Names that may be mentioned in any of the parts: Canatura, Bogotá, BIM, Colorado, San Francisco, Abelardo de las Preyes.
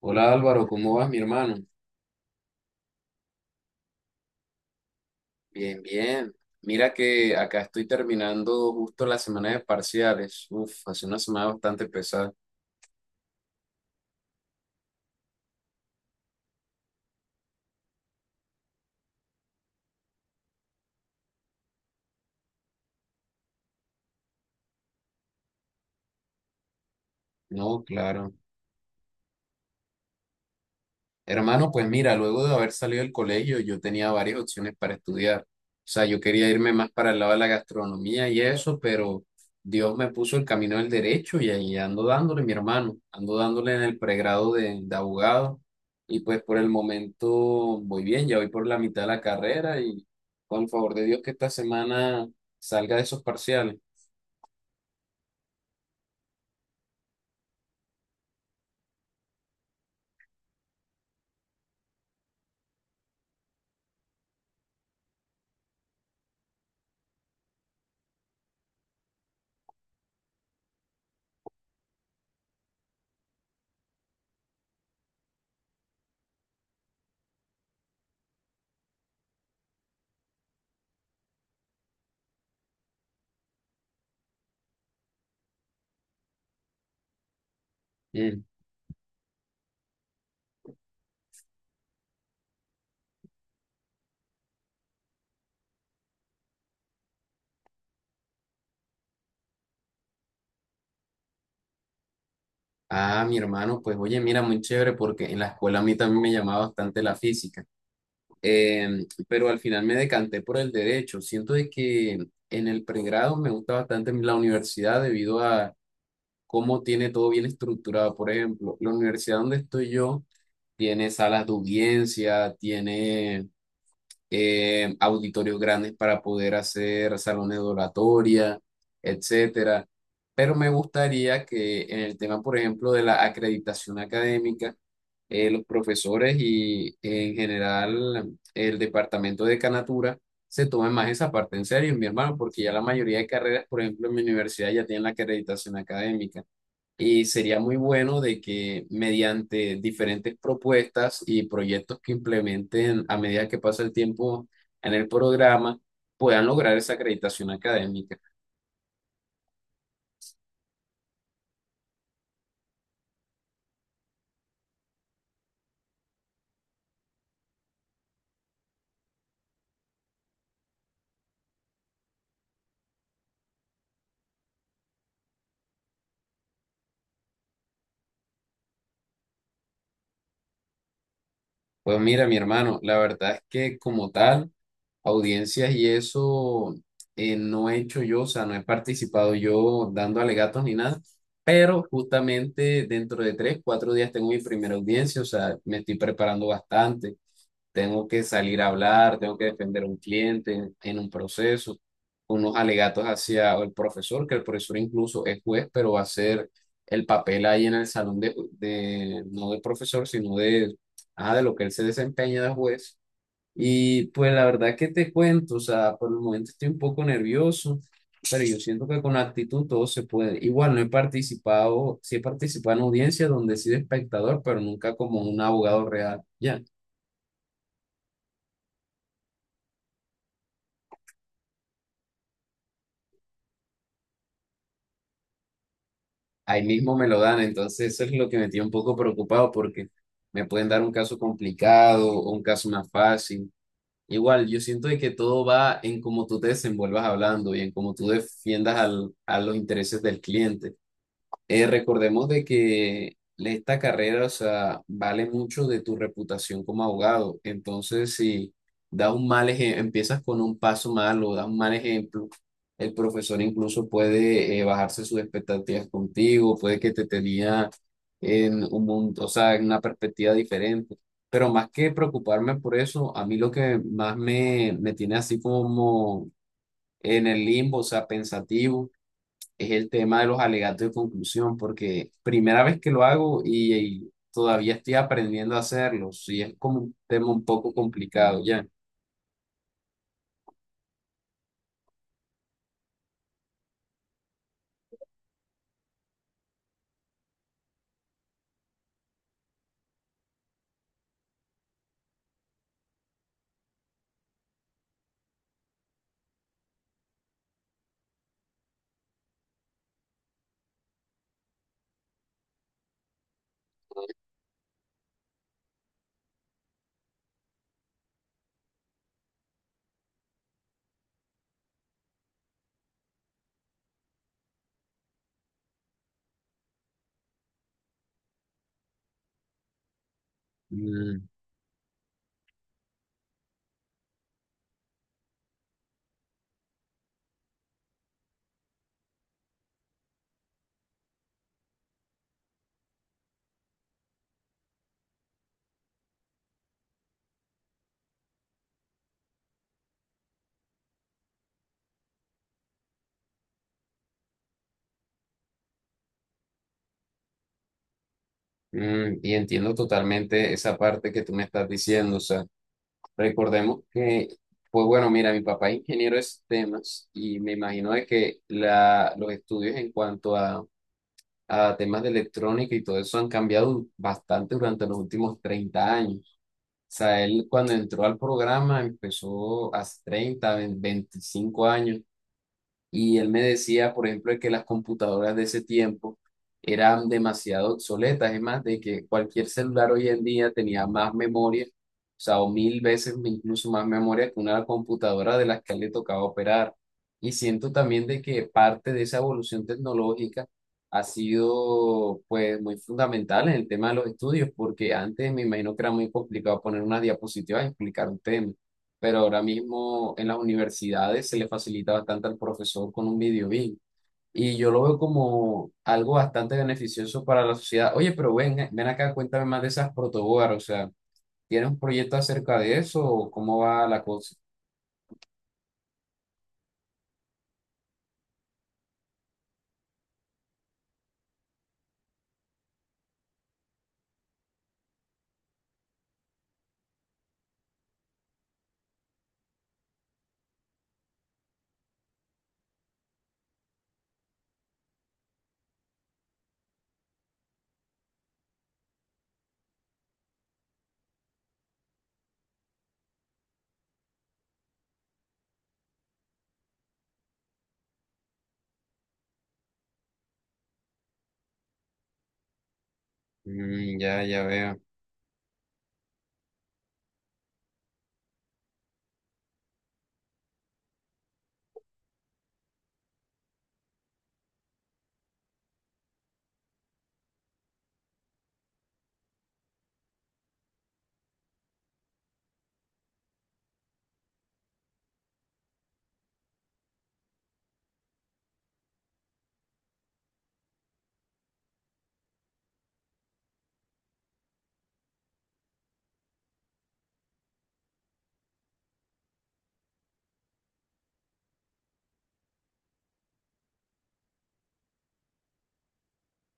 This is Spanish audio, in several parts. Hola Álvaro, ¿cómo vas, mi hermano? Bien, bien. Mira que acá estoy terminando justo la semana de parciales. Uf, hace una semana bastante pesada. No, claro. Hermano, pues mira, luego de haber salido del colegio, yo tenía varias opciones para estudiar. O sea, yo quería irme más para el lado de la gastronomía y eso, pero Dios me puso el camino del derecho y ahí ando dándole, mi hermano, ando dándole en el pregrado de abogado. Y pues por el momento voy bien, ya voy por la mitad de la carrera y con el favor de Dios que esta semana salga de esos parciales. Mm. Ah, mi hermano, pues oye, mira, muy chévere porque en la escuela a mí también me llamaba bastante la física. Pero al final me decanté por el derecho. Siento de que en el pregrado me gusta bastante la universidad debido a cómo tiene todo bien estructurado. Por ejemplo, la universidad donde estoy yo tiene salas de audiencia, tiene auditorios grandes para poder hacer salones de oratoria, etcétera. Pero me gustaría que en el tema, por ejemplo, de la acreditación académica, los profesores y en general el departamento de Canatura se tomen más esa parte en serio, mi hermano, porque ya la mayoría de carreras, por ejemplo, en mi universidad ya tienen la acreditación académica. Y sería muy bueno de que mediante diferentes propuestas y proyectos que implementen a medida que pasa el tiempo en el programa, puedan lograr esa acreditación académica. Pues mira, mi hermano, la verdad es que como tal, audiencias y eso no he hecho yo, o sea, no he participado yo dando alegatos ni nada, pero justamente dentro de 3, 4 días tengo mi primera audiencia, o sea, me estoy preparando bastante, tengo que salir a hablar, tengo que defender a un cliente en un proceso, unos alegatos hacia el profesor, que el profesor incluso es juez, pero va a ser el papel ahí en el salón de no de profesor, sino de, ah, de lo que él se desempeña de juez y pues la verdad que te cuento, o sea, por el momento estoy un poco nervioso, pero yo siento que con actitud todo se puede. Igual no he participado, sí he participado en audiencias donde he sido espectador, pero nunca como un abogado real. Ya, ahí mismo me lo dan, entonces eso es lo que me tiene un poco preocupado porque me pueden dar un caso complicado o un caso más fácil. Igual, yo siento de que todo va en cómo tú te desenvuelvas hablando y en cómo tú defiendas al, a los intereses del cliente. Recordemos de que esta carrera, o sea, vale mucho de tu reputación como abogado. Entonces, si das un mal ejemplo, empiezas con un paso malo, das un mal ejemplo, el profesor incluso puede bajarse sus expectativas contigo, puede que te tenía en un mundo, o sea, en una perspectiva diferente. Pero más que preocuparme por eso, a mí lo que más me tiene así como en el limbo, o sea, pensativo es el tema de los alegatos de conclusión, porque primera vez que lo hago y todavía estoy aprendiendo a hacerlo, y es como un tema un poco complicado ya. Mm, y entiendo totalmente esa parte que tú me estás diciendo, o sea, recordemos que, pues bueno, mira, mi papá es ingeniero de sistemas y me imagino de que la, los estudios en cuanto a temas de electrónica y todo eso han cambiado bastante durante los últimos 30 años. Sea, él cuando entró al programa empezó hace 30 20, 25 años y él me decía, por ejemplo, que las computadoras de ese tiempo eran demasiado obsoletas, es más, de que cualquier celular hoy en día tenía más memoria, o sea, o mil veces incluso más memoria que una computadora de las que a él le tocaba operar. Y siento también de que parte de esa evolución tecnológica ha sido pues muy fundamental en el tema de los estudios, porque antes me imagino que era muy complicado poner una diapositiva y explicar un tema, pero ahora mismo en las universidades se le facilita bastante al profesor con un video BIM. Y yo lo veo como algo bastante beneficioso para la sociedad. Oye, pero ven, ven acá, cuéntame más de esas protoboard, o sea, ¿tienes un proyecto acerca de eso o cómo va la cosa? Mm, ya, ya veo.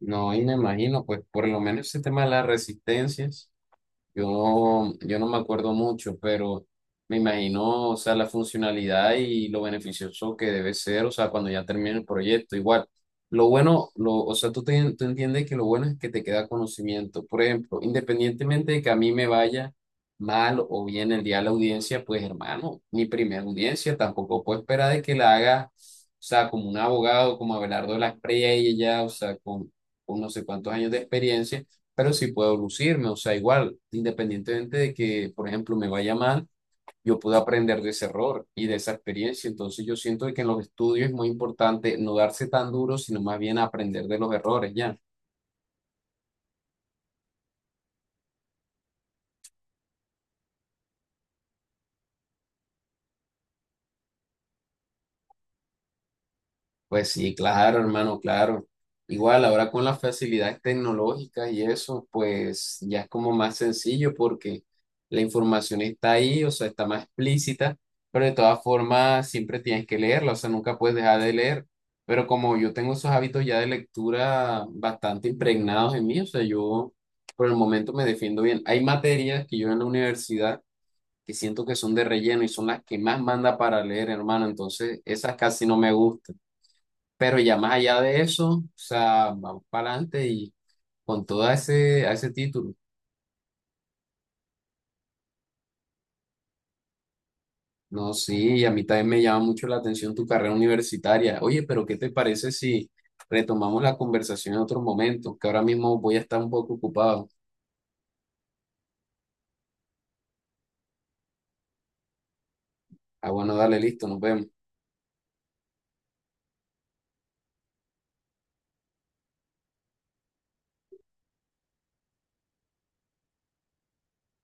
No, y me imagino, pues por lo menos ese tema de las resistencias. Yo, no, yo no me acuerdo mucho, pero me imagino, o sea, la funcionalidad y lo beneficioso que debe ser, o sea, cuando ya termine el proyecto, igual. Lo bueno, lo, o sea, tú, tú entiendes que lo bueno es que te queda conocimiento. Por ejemplo, independientemente de que a mí me vaya mal o bien el día de la audiencia, pues hermano, mi primera audiencia tampoco puedo esperar de que la haga, o sea, como un abogado, como Abelardo de las Preyes, ya, o sea, con no sé cuántos años de experiencia, pero sí puedo lucirme, o sea, igual, independientemente de que, por ejemplo, me vaya mal, yo puedo aprender de ese error y de esa experiencia, entonces yo siento de que en los estudios es muy importante no darse tan duro, sino más bien aprender de los errores, ¿ya? Pues sí, claro, hermano, claro. Igual ahora con las facilidades tecnológicas y eso, pues ya es como más sencillo porque la información está ahí, o sea, está más explícita, pero de todas formas siempre tienes que leerla, o sea, nunca puedes dejar de leer. Pero como yo tengo esos hábitos ya de lectura bastante impregnados en mí, o sea, yo por el momento me defiendo bien. Hay materias que yo en la universidad que siento que son de relleno y son las que más manda para leer, hermano, entonces esas casi no me gustan. Pero ya más allá de eso, o sea, vamos para adelante y con todo ese, a ese título. No, sí, y a mí también me llama mucho la atención tu carrera universitaria. Oye, pero ¿qué te parece si retomamos la conversación en otro momento? Que ahora mismo voy a estar un poco ocupado. Ah, bueno, dale, listo, nos vemos.